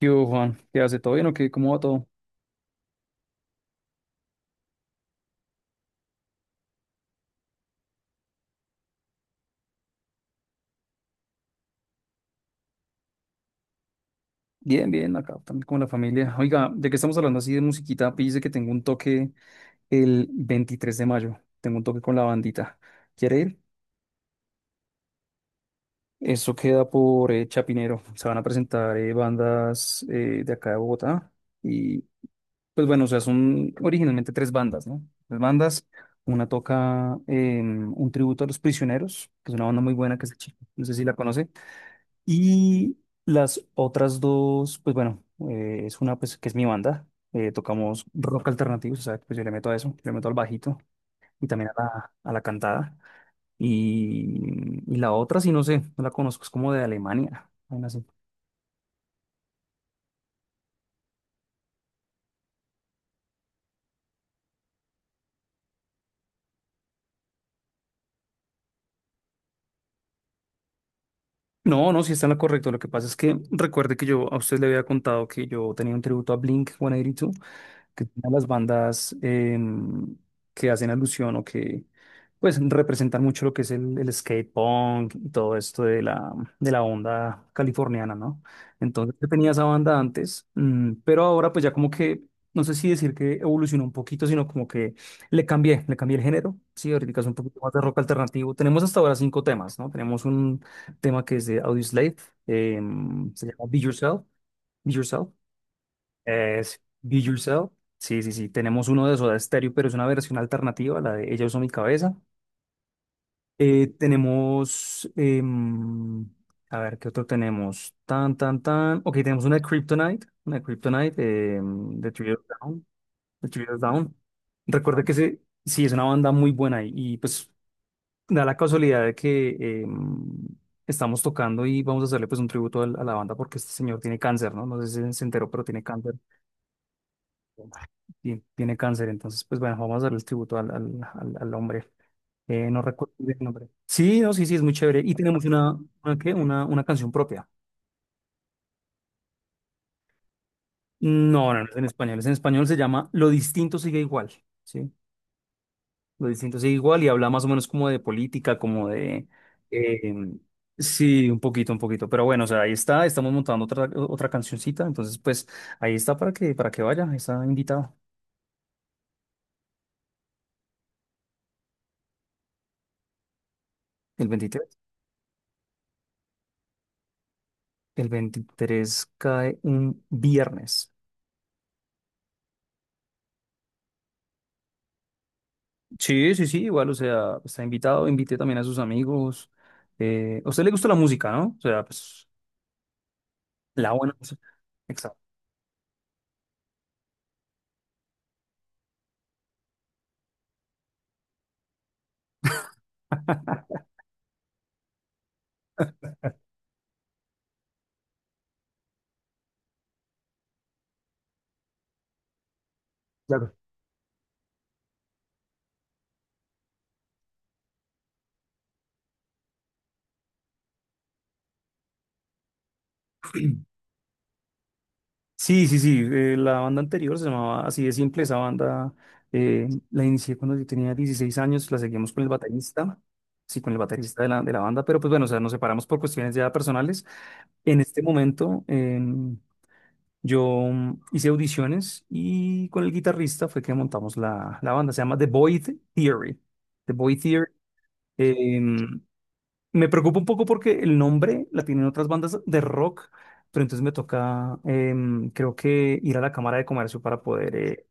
¿Qué hubo, Juan? ¿Qué hace? ¿Todo bien o qué? ¿Cómo va todo? Bien, bien, acá también con la familia. Oiga, ya que estamos hablando así de musiquita, pille que tengo un toque el 23 de mayo. Tengo un toque con la bandita. ¿Quiere ir? Eso queda por Chapinero. Se van a presentar bandas de acá de Bogotá. Y pues bueno, o sea, son originalmente tres bandas, ¿no? Tres bandas. Una toca un tributo a Los Prisioneros, que es una banda muy buena que es el chico. No sé si la conoce. Y las otras dos, pues bueno, es una pues que es mi banda, tocamos rock alternativo, o sea, pues yo le meto a eso, yo le meto al bajito y también a la cantada. Y la otra, sí, no sé, no la conozco, es como de Alemania, vaina así. No, no, sí está en la correcta. Lo que pasa es que recuerde que yo a usted le había contado que yo tenía un tributo a Blink 182 que tienen las bandas, em, que hacen alusión o que pues representan mucho lo que es el skate punk y todo esto de la onda californiana, ¿no? Entonces yo tenía esa banda antes, pero ahora pues ya como que, no sé si decir que evolucionó un poquito, sino como que le cambié el género, sí, ahorita es un poquito más de rock alternativo. Tenemos hasta ahora cinco temas, ¿no? Tenemos un tema que es de Audioslave, se llama Be Yourself, Be Yourself. Es Be Yourself. Sí, sí, sí. Tenemos uno de Soda Stereo, pero es una versión alternativa, la de Ella Usó Mi Cabeza. Tenemos, a ver, ¿qué otro tenemos? Tan, tan, tan. Ok, tenemos una de Kryptonite. Una de Kryptonite, de Three Doors Down. De Three Doors Down. Recuerda que se, sí, es una banda muy buena y pues da la casualidad de que, em, estamos tocando y vamos a hacerle pues un tributo a la banda porque este señor tiene cáncer, ¿no? No sé si se enteró, pero tiene cáncer. Tiene cáncer. Entonces, pues bueno, vamos a darle el tributo al hombre. No recuerdo el nombre. Sí, no, sí, sí, es muy chévere. Y tenemos una, ¿qué? Una canción propia. No, no, no es en español. Es en español, se llama Lo distinto sigue igual, ¿sí? Lo distinto sigue igual y habla más o menos como de política, como de eh, sí, un poquito, un poquito. Pero bueno, o sea, ahí está. Estamos montando otra cancioncita. Entonces, pues ahí está para que vaya. Ahí está invitado el 23. El 23 cae un viernes. Sí, sí, sí, igual, o sea, está invitado, invité también a sus amigos. A usted le gusta la música, ¿no? O sea, pues, la buena música. Exacto. Claro. Sí, sí, sí, la banda anterior se llamaba así de simple, esa banda, la inicié cuando yo tenía 16 años, la seguimos con el baterista, sí, con el baterista de la banda, pero pues bueno, o sea, nos separamos por cuestiones ya personales. En este momento, yo, hice audiciones y con el guitarrista fue que montamos la banda. Se llama The Void Theory. The Void Theory. Em, me preocupa un poco porque el nombre la tienen otras bandas de rock, pero entonces me toca, creo que ir a la Cámara de Comercio para poder,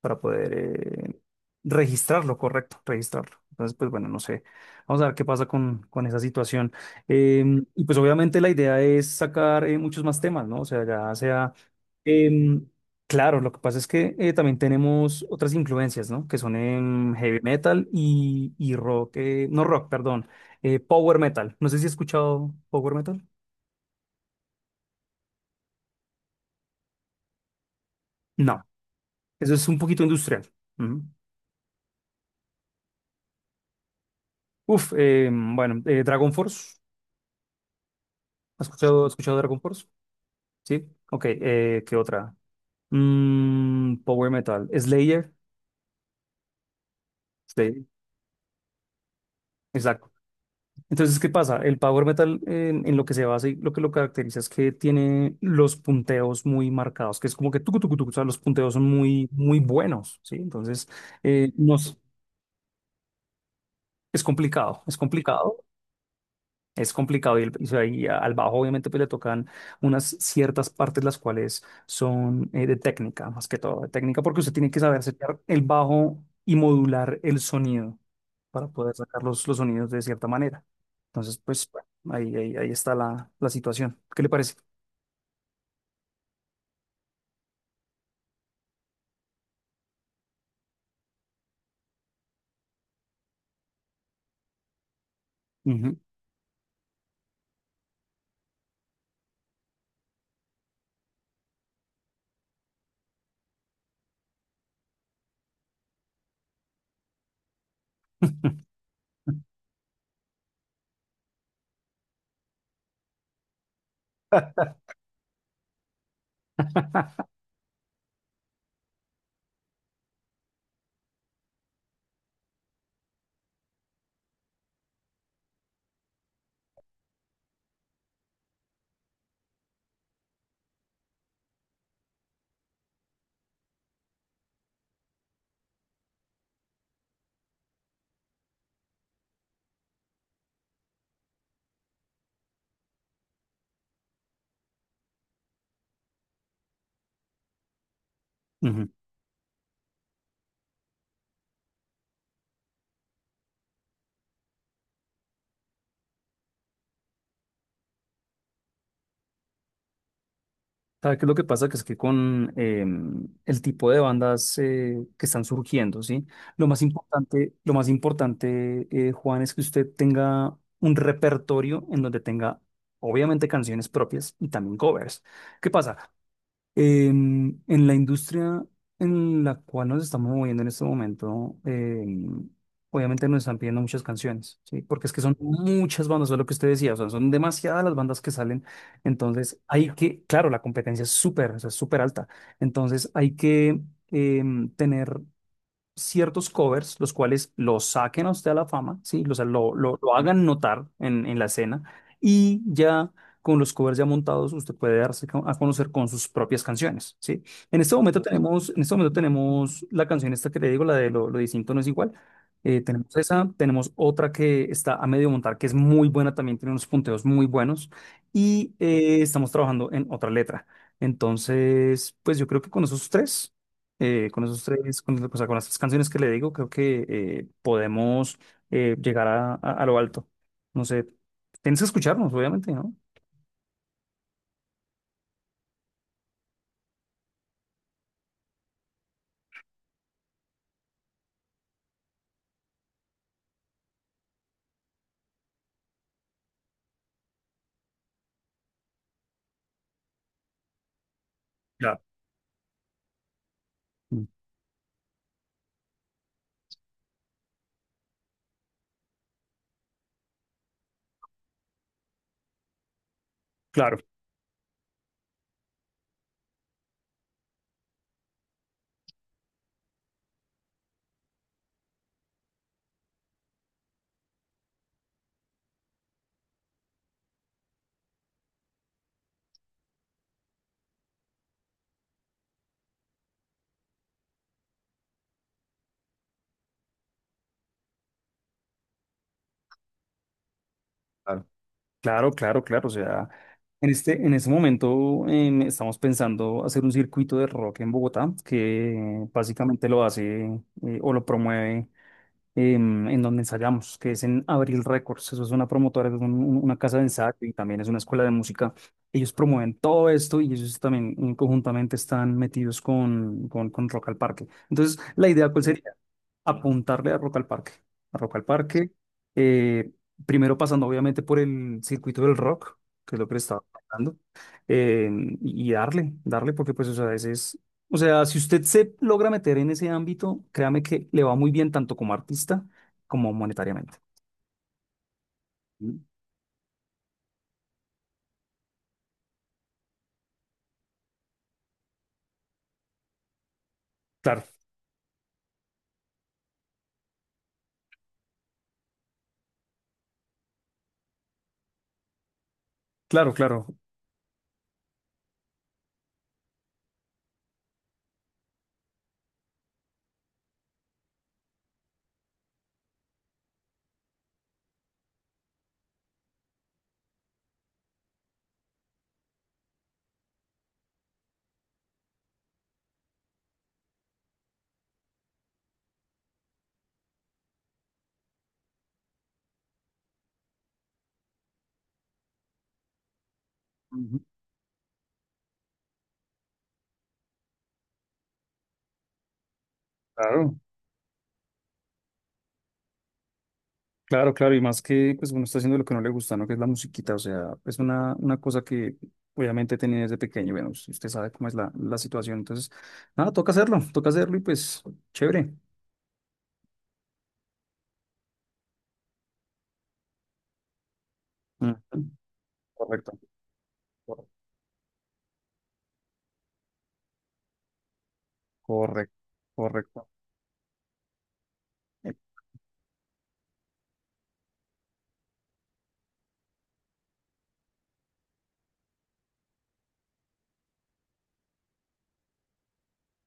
para poder eh, registrarlo, correcto, registrarlo. Entonces, pues bueno, no sé. Vamos a ver qué pasa con esa situación. Y pues obviamente la idea es sacar muchos más temas, ¿no? O sea, ya sea, em, claro, lo que pasa es que, también tenemos otras influencias, ¿no? Que son en heavy metal y rock, no rock, perdón, power metal. No sé si has escuchado power metal. No, eso es un poquito industrial. Ujú. Uf, bueno, Dragon Force. ¿Has escuchado Dragon Force? Sí, ok, ¿qué otra? Power metal, Slayer, Slayer, exacto. Entonces, ¿qué pasa? El power metal, en lo que se basa y lo que lo caracteriza es que tiene los punteos muy marcados, que es como que tucu, tucu, tucu, o sea, los punteos son muy, muy buenos, ¿sí? Entonces, eh, nos, es complicado, es complicado. Es complicado y al bajo obviamente pues le tocan unas ciertas partes las cuales son, de técnica, más que todo de técnica, porque usted tiene que saber setear el bajo y modular el sonido para poder sacar los sonidos de cierta manera. Entonces, pues bueno, ahí está la situación. ¿Qué le parece? Ujú. Ujú. ¿Sabes qué es lo que pasa? Que es que con, el tipo de bandas, que están surgiendo, ¿sí? Lo más importante, Juan, es que usted tenga un repertorio en donde tenga, obviamente, canciones propias y también covers. ¿Qué pasa? En la industria en la cual nos estamos moviendo en este momento, obviamente nos están pidiendo muchas canciones, ¿sí? Porque es que son muchas bandas, es lo que usted decía, o sea, son demasiadas las bandas que salen. Entonces, hay que, claro, la competencia es súper, o sea, es súper alta. Entonces, hay que, tener ciertos covers, los cuales los saquen a usted a la fama, ¿sí? O sea, lo hagan notar en la escena, y ya con los covers ya montados usted puede darse a conocer con sus propias canciones, ¿sí? En este momento tenemos la canción esta que le digo, la de Lo distinto no es igual. Tenemos esa, tenemos otra que está a medio montar, que es muy buena también, tiene unos punteos muy buenos y, estamos trabajando en otra letra. Entonces, pues yo creo que con o sea, con las tres canciones que le digo, creo que, podemos, llegar a lo alto. No sé, tienes que escucharnos, obviamente, ¿no? Claro, mm, claro, claro, claro, claro, claro. O sea, en este momento, estamos pensando hacer un circuito de rock en Bogotá que, básicamente lo hace, o lo promueve. En donde ensayamos, que es en Abril Records. Eso es una promotora, es una casa de ensayo y también es una escuela de música. Ellos promueven todo esto y ellos también, conjuntamente están metidos con, con Rock al Parque. Entonces, la idea, ¿cuál sería? Apuntarle a Rock al Parque. A Rock al Parque, eh, primero pasando obviamente por el circuito del rock, que es lo que le estaba hablando, eh, y darle, porque pues, o sea, ese es, o sea, si usted se logra meter en ese ámbito, créame que le va muy bien tanto como artista como monetariamente. Mm, claro, claro, claro. Ujú. Claro. Claro, claro, y más que pues uno está haciendo lo que no le gusta, ¿no? Que es la musiquita, o sea, es una cosa que obviamente tenía desde pequeño, y bueno, si usted sabe cómo es la situación, entonces, nada, toca hacerlo y pues, chévere. Ujú. Correcto, correcto, correcto. Eh,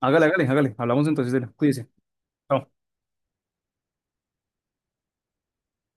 Hágale, hágale, hágale, hablamos entonces de él, cuídese. Chao.